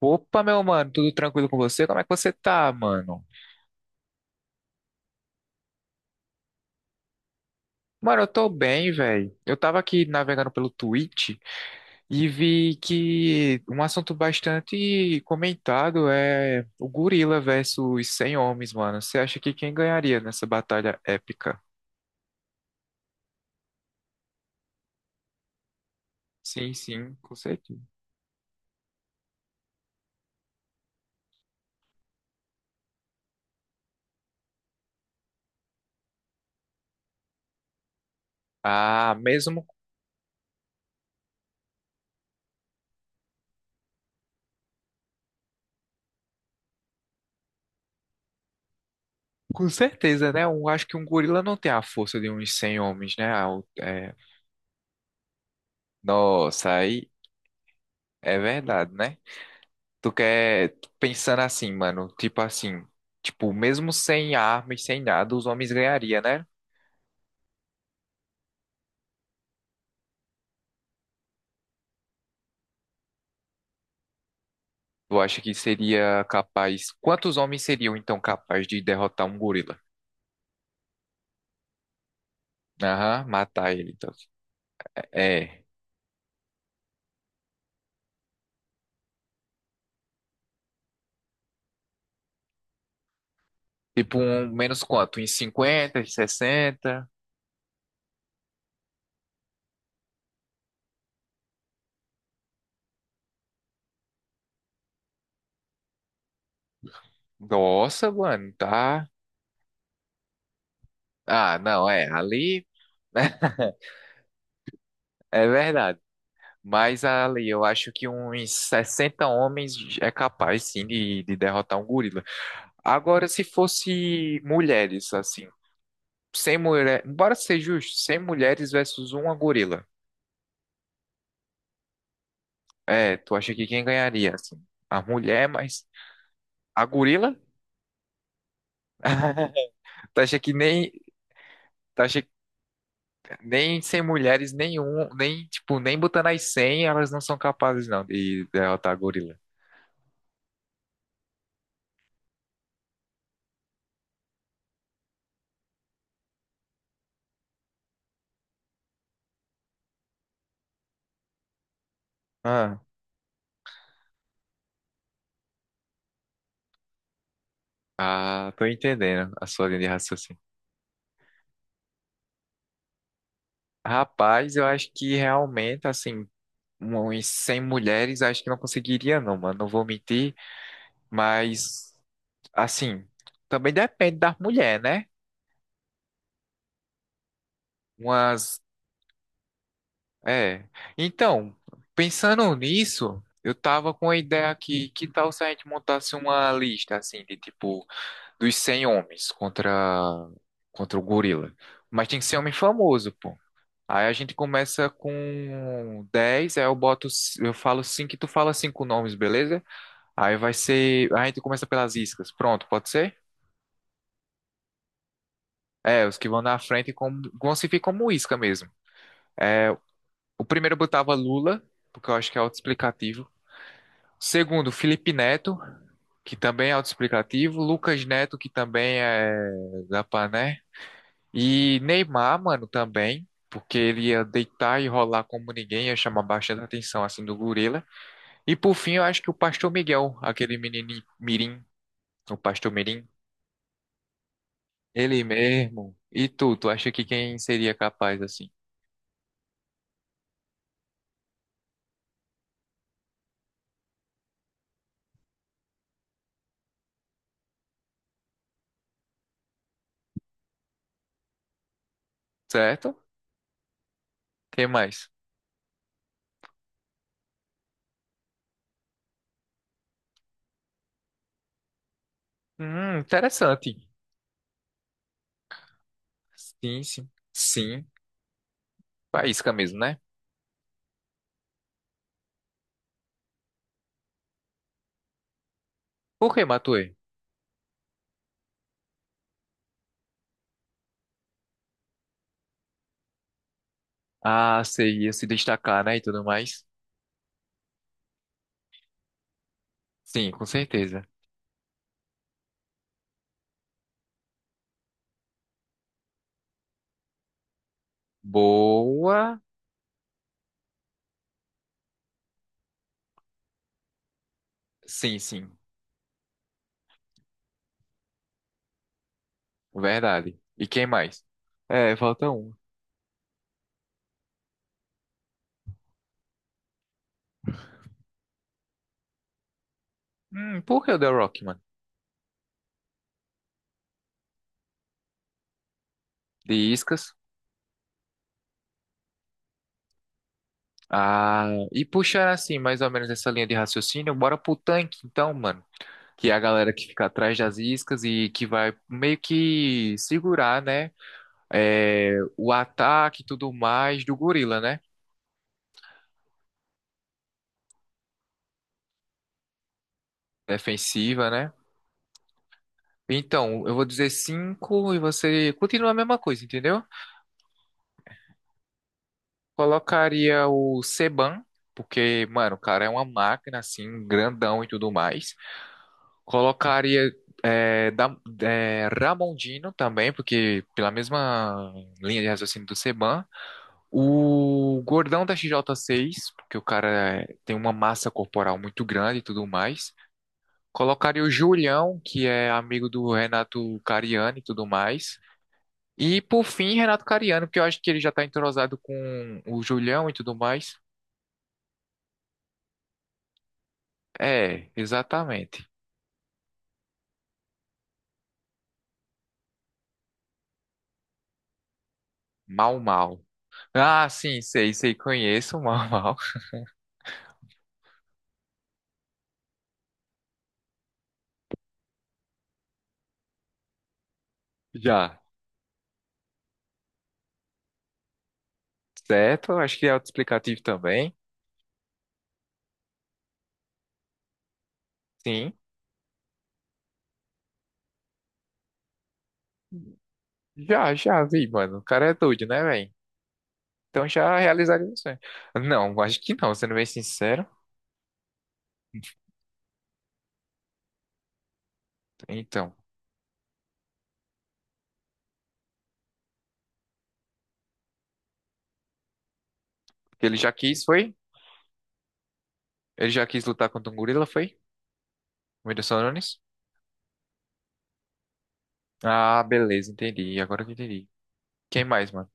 Opa, meu mano, tudo tranquilo com você? Como é que você tá, mano? Mano, eu tô bem, velho. Eu tava aqui navegando pelo Twitch e vi que um assunto bastante comentado é o gorila versus 100 homens, mano. Você acha que quem ganharia nessa batalha épica? Sim, sim, com certeza. Ah, mesmo com certeza, né? Eu acho que um gorila não tem a força de uns 100 homens, né? Ah, Nossa, aí é verdade, né? Tu quer pensando assim, mano, tipo assim, tipo, mesmo sem arma e sem nada, os homens ganhariam, né? Tu acha que seria capaz? Quantos homens seriam então capazes de derrotar um gorila? Aham, matar ele, então. É. Tipo, um menos quanto? Em 50 em 60? Nossa, mano, tá. Ah, não, é. Ali. É verdade. Mas ali, eu acho que uns 60 homens é capaz, sim, de derrotar um gorila. Agora, se fosse mulheres, assim, sem mulher, bora ser justo, 100 mulheres versus uma gorila. É, tu acha que quem ganharia, assim? A mulher, mas a gorila? Tu acha que nem, tu acha Nem sem mulheres nenhum, nem, tipo, nem botando as 100, elas não são capazes, não, de derrotar a gorila. Ah, ah, tô entendendo a sua linha de raciocínio. Rapaz, eu acho que realmente, assim, uns 100 mulheres, acho que não conseguiria, não, mano. Não vou mentir, mas, assim, também depende da mulher, né? Umas É. Então, pensando nisso, eu tava com a ideia aqui, que tal se a gente montasse uma lista assim de tipo dos 100 homens contra o gorila. Mas tem que ser homem famoso, pô. Aí a gente começa com 10, aí eu boto, eu falo 5, e tu fala cinco nomes, beleza? Aí vai ser, a gente começa pelas iscas. Pronto, pode ser? É, os que vão na frente como, vão se vir como isca mesmo. É, o primeiro eu botava Lula, porque eu acho que é auto Segundo, Felipe Neto, que também é autoexplicativo. Lucas Neto, que também é da Pané. E Neymar, mano, também. Porque ele ia deitar e rolar como ninguém, ia chamar bastante atenção, assim, do gorila. E por fim, eu acho que o Pastor Miguel, aquele menino mirim, o Pastor Mirim, ele mesmo. E tu acha que quem seria capaz, assim? Certo? Quem mais? Interessante. Sim, sim. Sim. Faísca mesmo, né? Por que, Matuê? Ah, sei, ia se destacar, né, e tudo mais. Sim, com certeza. Boa. Sim, sim, verdade. E quem mais? É, falta um. Por que o The Rock, mano? De Iscas. Ah, e puxar assim, mais ou menos essa linha de raciocínio, bora pro tanque, então, mano. Que é a galera que fica atrás das iscas e que vai meio que segurar, né? É, o ataque e tudo mais do gorila, né? Defensiva, né? Então, eu vou dizer cinco e você continua a mesma coisa, entendeu? Colocaria o Seban, porque, mano, o cara é uma máquina, assim, grandão e tudo mais. Colocaria Ramondino também, porque pela mesma linha de raciocínio do Seban. O gordão da XJ6, porque o cara tem uma massa corporal muito grande e tudo mais. Colocaria o Julião, que é amigo do Renato Cariani e tudo mais. E por fim, Renato Cariano, que eu acho que ele já tá entrosado com o Julião e tudo mais. É, exatamente. Mal, mal. Ah, sim, sei, sei, conheço o mal, mal. Já. Certo? Acho que é autoexplicativo também. Sim. Já, já vi, mano. O cara é doido, né, velho? Então já realizaria o sonho. Não, acho que não, sendo bem sincero. Então, ele já quis, foi? Ele já quis lutar contra um gorila, foi? O Whindersson Nunes? Ah, beleza, entendi. Agora que eu entendi. Quem mais, mano?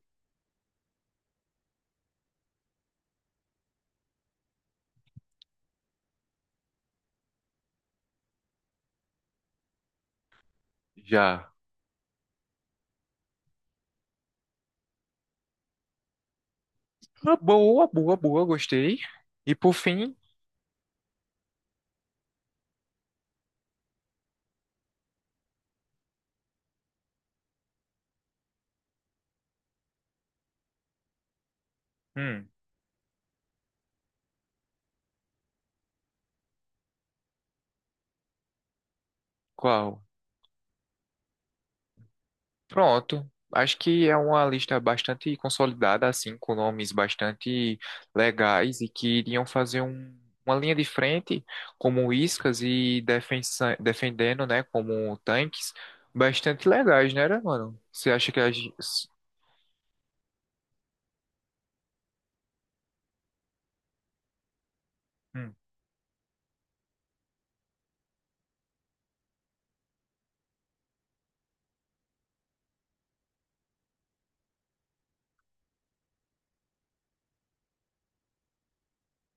Já. Uma boa, boa, boa, gostei. E por fim, hum, qual? Pronto. Acho que é uma lista bastante consolidada, assim, com nomes bastante legais e que iriam fazer uma linha de frente como iscas e defendendo, né, como tanques, bastante legais, né, mano? Você acha que hum,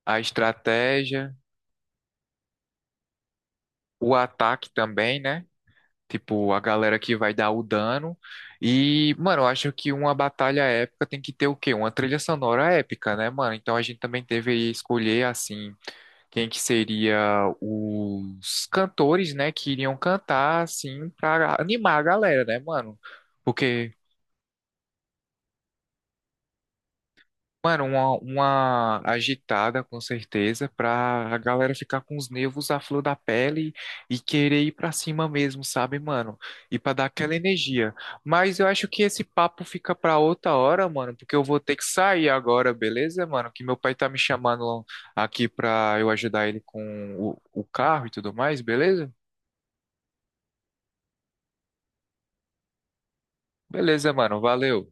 a estratégia, o ataque também, né? Tipo, a galera que vai dar o dano. E, mano, eu acho que uma batalha épica tem que ter o quê? Uma trilha sonora épica, né, mano? Então a gente também teve aí escolher, assim, quem que seria os cantores, né, que iriam cantar, assim, pra animar a galera, né, mano? Porque Mano, uma agitada, com certeza, pra a galera ficar com os nervos à flor da pele e querer ir pra cima mesmo, sabe, mano? E pra dar aquela energia. Mas eu acho que esse papo fica pra outra hora, mano, porque eu vou ter que sair agora, beleza, mano? Que meu pai tá me chamando aqui pra eu ajudar ele com o carro e tudo mais, beleza? Beleza, mano, valeu.